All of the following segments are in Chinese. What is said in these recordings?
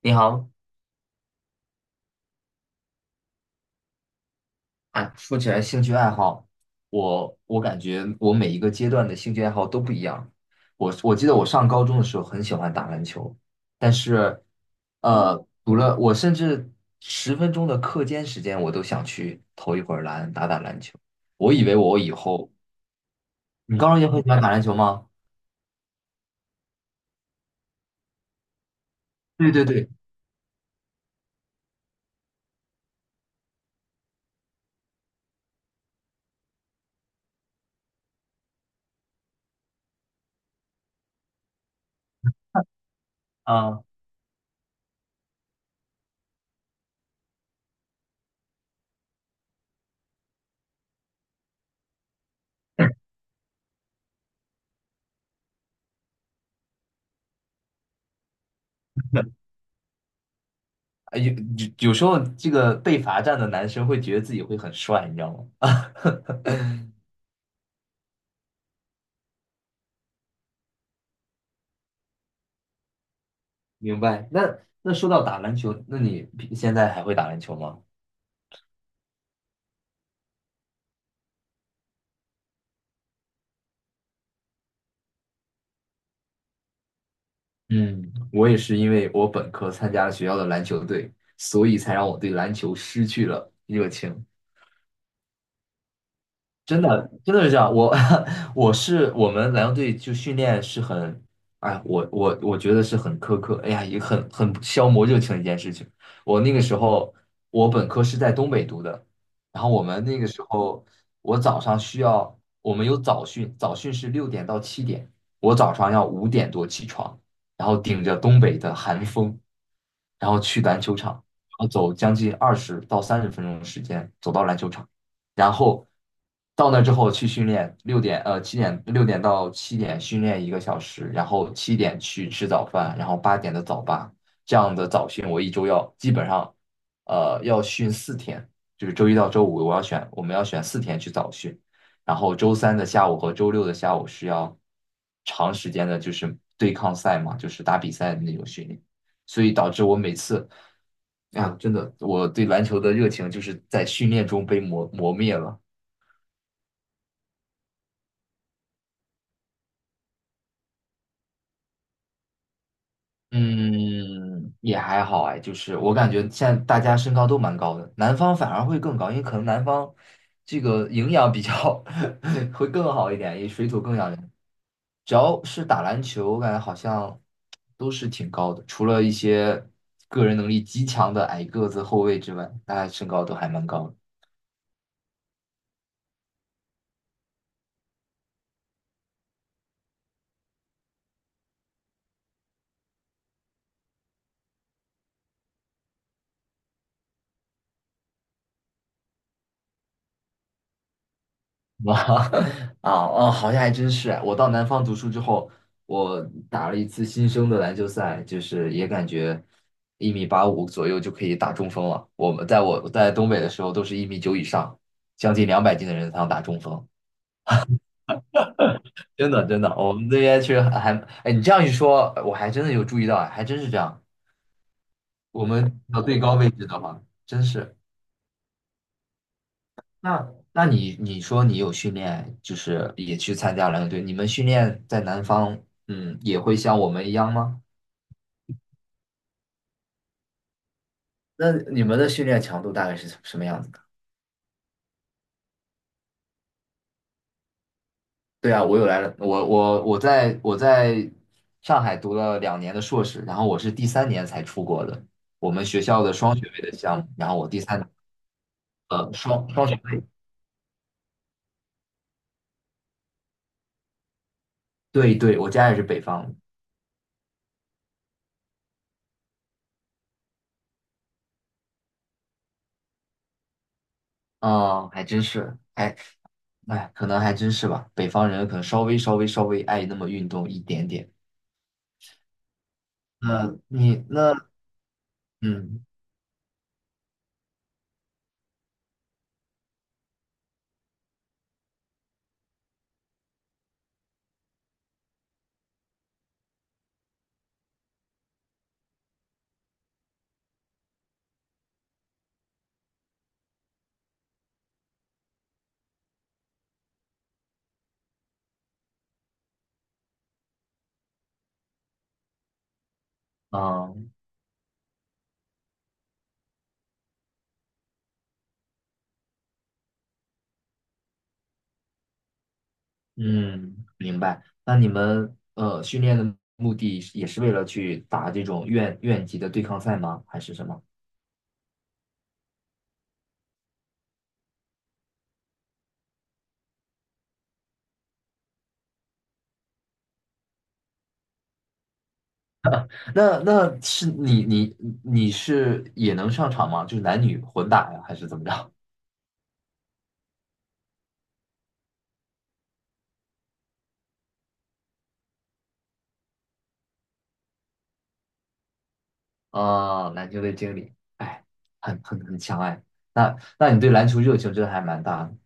你好，哎，说起来兴趣爱好，我感觉我每一个阶段的兴趣爱好都不一样。我记得我上高中的时候很喜欢打篮球，但是，读了我甚至十分钟的课间时间，我都想去投一会儿篮，打打篮球。我以为我以后，你高中也很喜欢打篮球吗？对对对，啊、啊有有时候这个被罚站的男生会觉得自己会很帅，你知道吗？明白。那那说到打篮球，那你平现在还会打篮球吗？嗯，我也是因为我本科参加了学校的篮球队，所以才让我对篮球失去了热情。真的，真的是这样。我 我是我们篮球队就训练是很，哎，我觉得是很苛刻，哎呀，也很消磨热情的一件事情。我那个时候，我本科是在东北读的，然后我们那个时候，我早上需要，我们有早训，早训是六点到七点，我早上要5点多起床，然后顶着东北的寒风，然后去篮球场，然后走将近20到30分钟的时间走到篮球场。然后到那之后去训练，六点七点六点到七点,训练1个小时，然后七点去吃早饭，然后8点的早八，这样的早训我一周要基本上要训四天，就是周一到周五我们要选四天去早训，然后周三的下午和周六的下午是要长时间的，就是对抗赛嘛，就是打比赛的那种训练。所以导致我每次啊，真的，我对篮球的热情就是在训练中被磨灭了。嗯，也还好哎，就是我感觉现在大家身高都蛮高的，南方反而会更高，因为可能南方这个营养比较 会更好一点，也水土更养人。只要是打篮球，我感觉好像都是挺高的，除了一些个人能力极强的矮个子后卫之外，大家身高都还蛮高的。哇 啊哦，好像还真是。我到南方读书之后，我打了一次新生的篮球赛，就是也感觉1米85左右就可以打中锋了。我在东北的时候都是1米9以上，将近200斤的人才能打中锋。真的真的，我们这边确实还，还哎，你这样一说，我还真的有注意到，哎还真是这样。我们到最高位置的话，真是。那那你说你有训练，就是也去参加篮球队，你们训练在南方，嗯，也会像我们一样吗？那你们的训练强度大概是什么样子的？对啊，我有来了，我在上海读了2年的硕士，然后我是第三年才出国的，我们学校的双学位的项目，然后我第三年双学位，对对，我家也是北方的，嗯，还真是，哎哎，可能还真是吧，北方人可能稍微爱那么运动一点点。嗯，你那嗯啊嗯，明白。那你们训练的目的是也是为了去打这种院级的对抗赛吗？还是什么？那那是你是也能上场吗？就是男女混打呀，还是怎么着？啊，篮球队经理，哎，很强哎。那那你对篮球热情真的还蛮大的。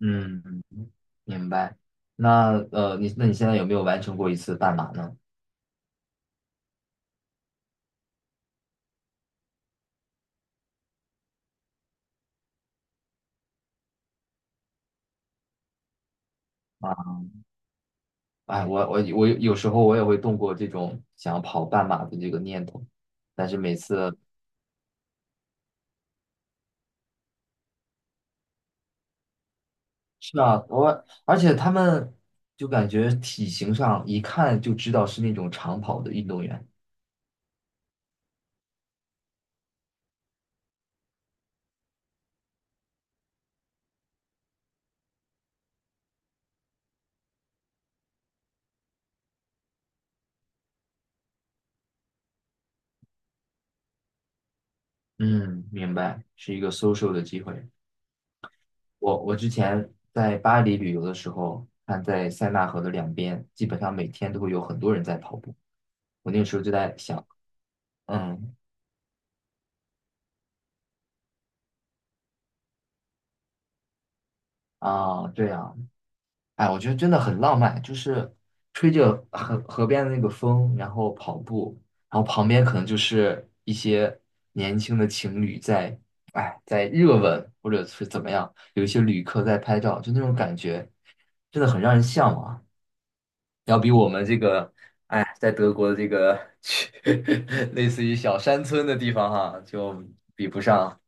嗯，明白。那，你现在有没有完成过一次半马呢？啊。哎，我有时候我也会动过这种想要跑半马的这个念头，但是每次是啊，我而且他们就感觉体型上一看就知道是那种长跑的运动员。嗯，明白，是一个 social 的机会。我之前在巴黎旅游的时候，看在塞纳河的两边，基本上每天都会有很多人在跑步。我那个时候就在想，嗯啊，对啊。哎，我觉得真的很浪漫，就是吹着河边的那个风，然后跑步，然后旁边可能就是一些年轻的情侣在，哎，在热吻或者是怎么样，有一些旅客在拍照，就那种感觉，真的很让人向往，要比我们这个，哎，在德国的这个 类似于小山村的地方哈，就比不上，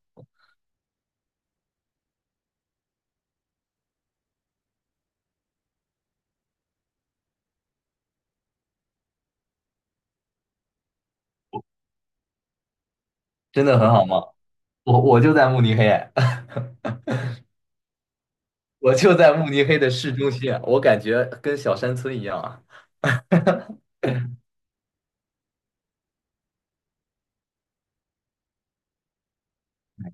真的很好吗？我我就在慕尼黑。我就在慕尼黑的市中心，我感觉跟小山村一样啊。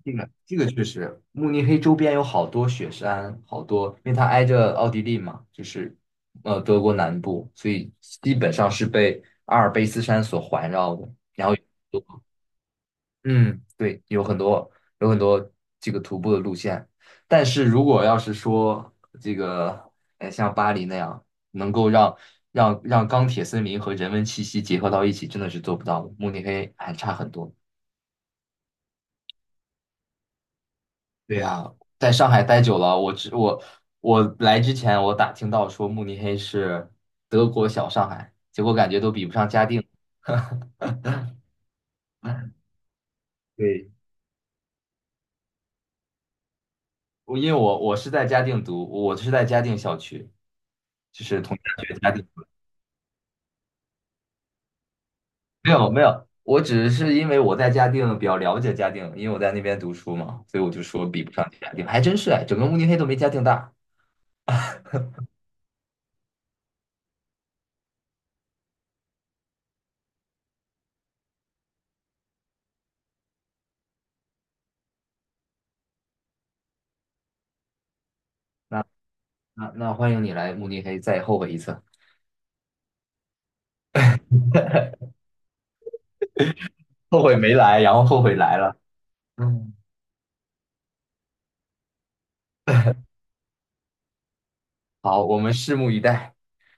这个确实，慕尼黑周边有好多雪山，好多，因为它挨着奥地利嘛，就是德国南部，所以基本上是被阿尔卑斯山所环绕的。然后嗯，对，有很多这个徒步的路线，但是如果要是说这个，像巴黎那样能够让钢铁森林和人文气息结合到一起，真的是做不到的。慕尼黑还差很多。对呀，在上海待久了，我来之前我打听到说慕尼黑是德国小上海，结果感觉都比不上嘉定。对，因为我是在嘉定读，我是在嘉定校区，就是同济大学嘉定。没有没有，我只是因为我在嘉定比较了解嘉定，因为我在那边读书嘛，所以我就说比不上嘉定，还真是哎，整个慕尼黑都没嘉定大。那那那欢迎你来慕尼黑，再后悔一次，后悔没来，然后后悔来了。嗯，好，我们拭目以待。